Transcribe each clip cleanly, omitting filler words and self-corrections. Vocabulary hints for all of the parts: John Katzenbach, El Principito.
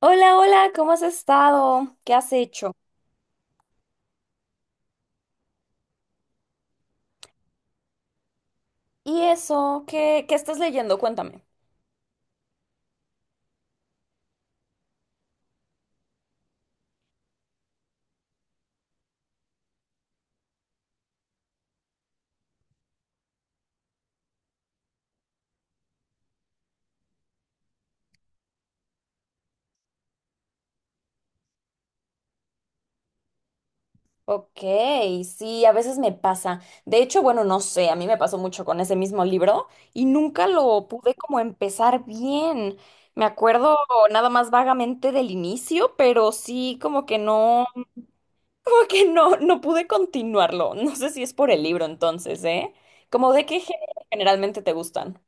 Hola, hola, ¿cómo has estado? ¿Qué has hecho? ¿Y eso? ¿Qué estás leyendo? Cuéntame. Ok, sí, a veces me pasa. De hecho, bueno, no sé, a mí me pasó mucho con ese mismo libro y nunca lo pude como empezar bien. Me acuerdo nada más vagamente del inicio, pero sí como que no, como que no, no pude continuarlo. No sé si es por el libro entonces, ¿eh? ¿Como de qué género generalmente te gustan?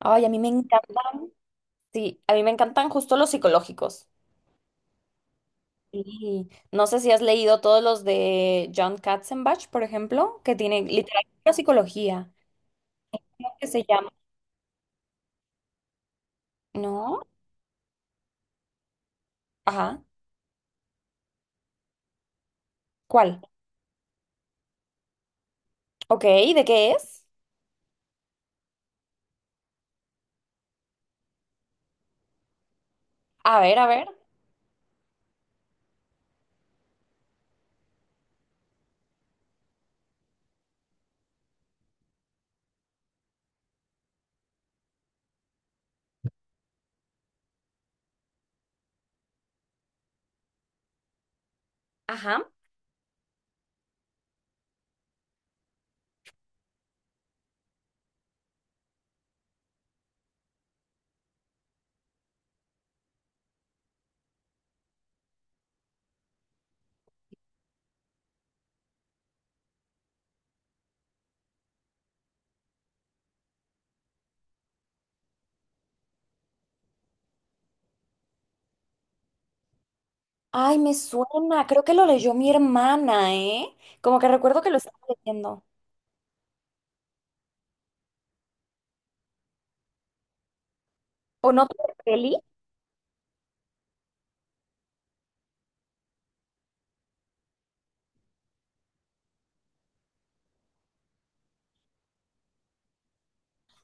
Ay, a mí me encantan, sí, a mí me encantan justo los psicológicos. Sí. No sé si has leído todos los de John Katzenbach, por ejemplo, que tiene literatura psicología, que se llama, ¿no? Ajá. ¿Cuál? Ok, ¿de qué es? A ver, a ver. Ajá. Ay, me suena, creo que lo leyó mi hermana, ¿eh? Como que recuerdo que lo estaba leyendo. ¿O no? ¿Peli?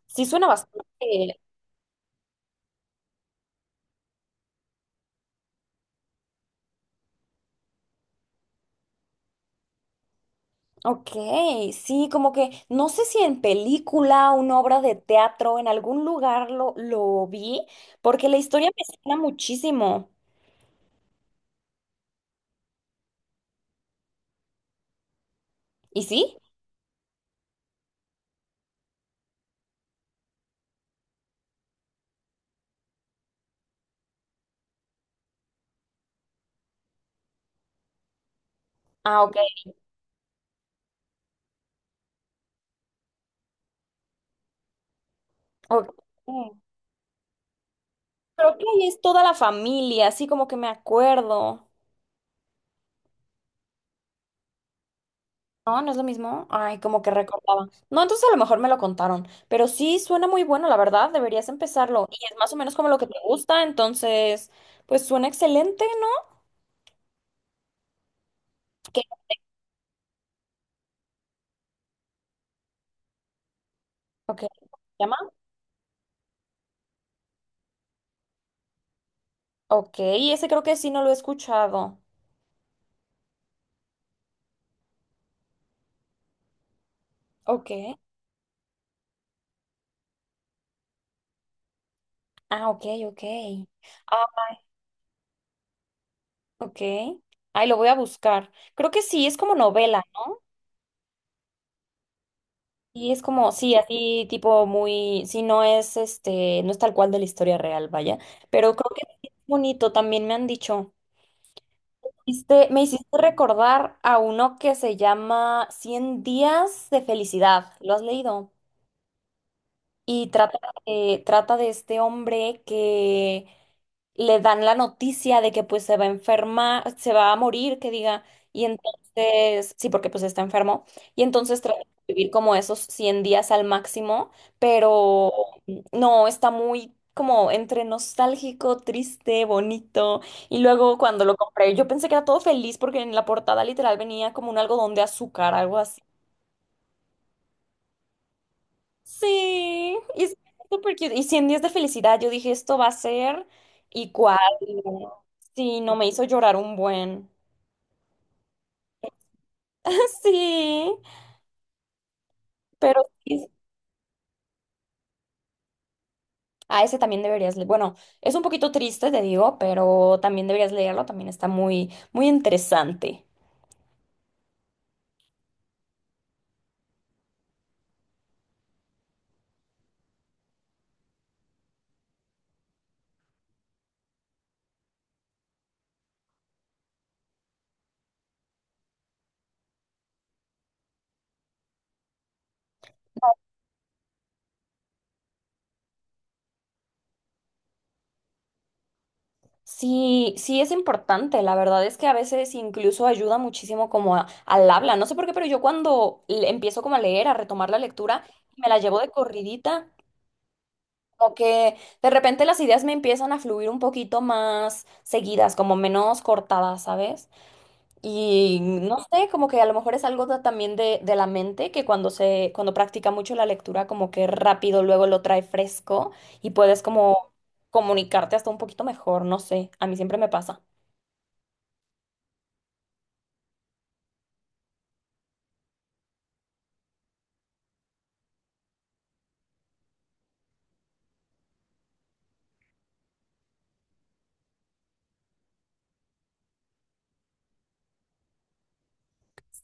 Sí, suena bastante. Ok, sí, como que no sé si en película, una obra de teatro, en algún lugar lo vi, porque la historia me suena muchísimo. ¿Y sí? Ah, ok. Ok. Mm. Creo que ahí es toda la familia, así como que me acuerdo. No, no es lo mismo. Ay, como que recordaba. No, entonces a lo mejor me lo contaron. Pero sí suena muy bueno, la verdad. Deberías empezarlo. Y es más o menos como lo que te gusta, entonces, pues suena excelente, ¿no? ¿Qué? Ok. ¿Se llama? Ok, ese creo que sí no lo he escuchado. Ok. Ah, ok, ok. Ah, ok. Ay, lo voy a buscar. Creo que sí, es como novela. Y es como, sí, así tipo muy, sí, no es este, no es tal cual de la historia real, vaya, pero creo que sí es bonito, también me han dicho. Me hiciste recordar a uno que se llama 100 días de felicidad, ¿lo has leído? Y trata de este hombre que le dan la noticia de que pues se va a enfermar, se va a morir, que diga, y entonces, sí, porque pues está enfermo, y entonces trata de vivir como esos 100 días al máximo, pero no, está muy como entre nostálgico, triste, bonito, y luego cuando lo compré, yo pensé que era todo feliz porque en la portada literal venía como un algodón de azúcar, algo. Sí, y es súper cute. Y 100 días de felicidad, yo dije, esto va a ser y cuál. Sí, no me hizo llorar un buen. Sí, pero sí, a ese también deberías leer. Bueno, es un poquito triste, te digo, pero también deberías leerlo, también está muy, muy interesante. Sí, sí es importante, la verdad es que a veces incluso ayuda muchísimo como a- al habla, no sé por qué, pero yo cuando empiezo como a leer, a retomar la lectura, me la llevo de corridita. Como que de repente las ideas me empiezan a fluir un poquito más seguidas, como menos cortadas, ¿sabes? Y no sé, como que a lo mejor es algo también de la mente, que cuando practica mucho la lectura, como que rápido luego lo trae fresco y puedes como comunicarte hasta un poquito mejor, no sé, a mí siempre me pasa.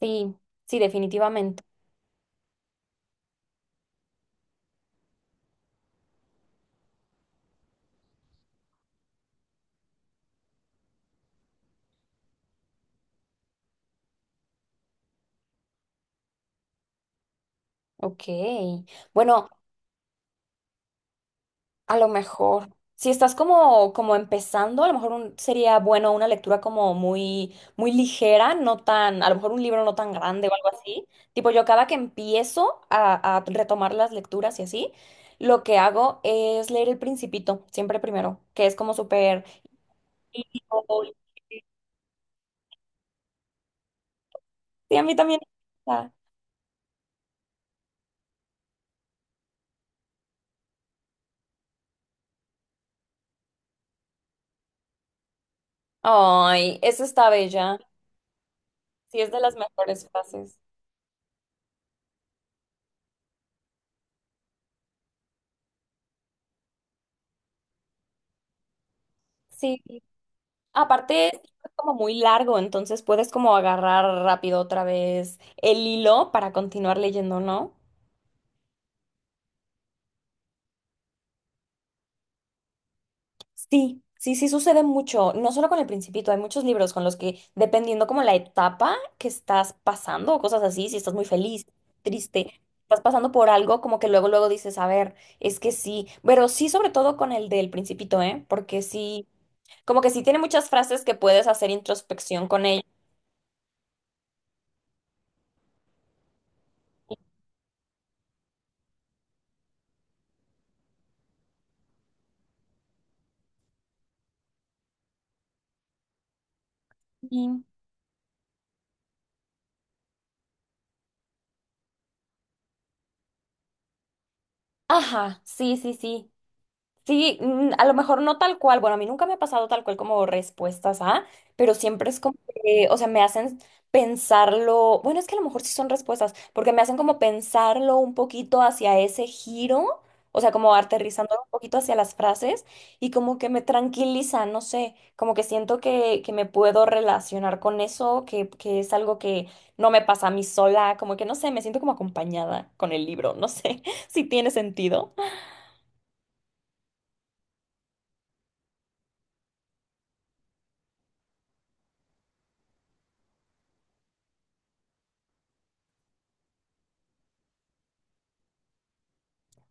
Sí, sí, definitivamente. Ok. Bueno, a lo mejor. Si estás como, como empezando, a lo mejor sería bueno una lectura como muy, muy ligera, no tan, a lo mejor un libro no tan grande o algo así. Tipo, yo cada que empiezo a retomar las lecturas y así, lo que hago es leer El Principito, siempre primero, que es como súper... lírico. Sí, a mí también me gusta. Ay, esa está bella. Sí, es de las mejores frases. Sí. Aparte, es como muy largo, entonces puedes como agarrar rápido otra vez el hilo para continuar leyendo, ¿no? Sí, sí, sí sucede mucho, no solo con El Principito, hay muchos libros con los que, dependiendo como la etapa que estás pasando o cosas así, si estás muy feliz, triste, estás pasando por algo como que luego dices, a ver, es que sí, pero sí sobre todo con el del Principito, ¿eh? Porque sí, como que sí tiene muchas frases que puedes hacer introspección con ellas. Sí. Ajá, sí, sí, sí. Sí, mm, a lo mejor no tal cual. Bueno, a mí nunca me ha pasado tal cual como respuestas a, pero siempre es como que, o sea, me hacen pensarlo. Bueno, es que a lo mejor sí son respuestas, porque me hacen como pensarlo un poquito hacia ese giro, o sea, como aterrizándolo un poquito hacia las frases y como que me tranquiliza, no sé, como que siento que me puedo relacionar con eso, que es algo que no me pasa a mí sola, como que no sé, me siento como acompañada con el libro, no sé si tiene sentido.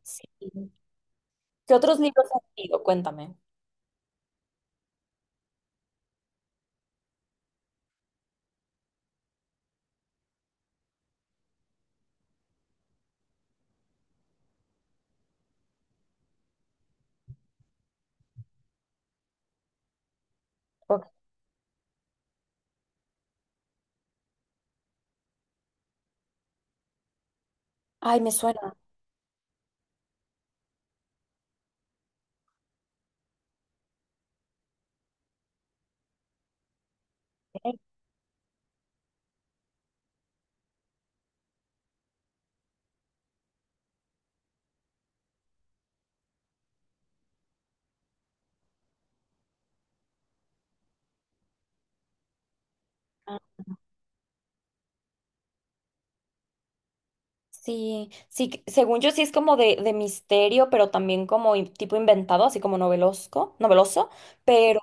Sí. ¿Qué otros libros has leído? Cuéntame. Ok. Ay, me suena. Ah, sí, sí, según yo sí es como de misterio, pero también como tipo inventado, así como novelosco, noveloso, pero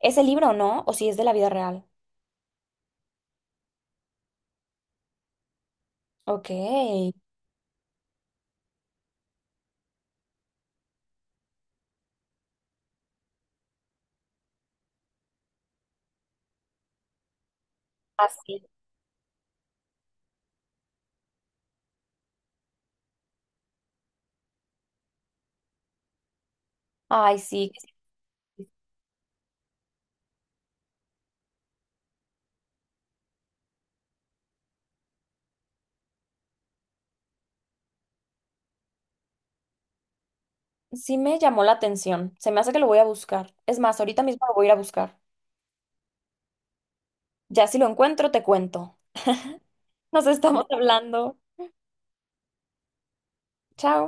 ¿es el libro no? ¿O si es de la vida real? Ok. Así. Ay, sí, sí me llamó la atención. Se me hace que lo voy a buscar. Es más, ahorita mismo lo voy a ir a buscar. Ya si lo encuentro, te cuento. Nos estamos hablando. Chao.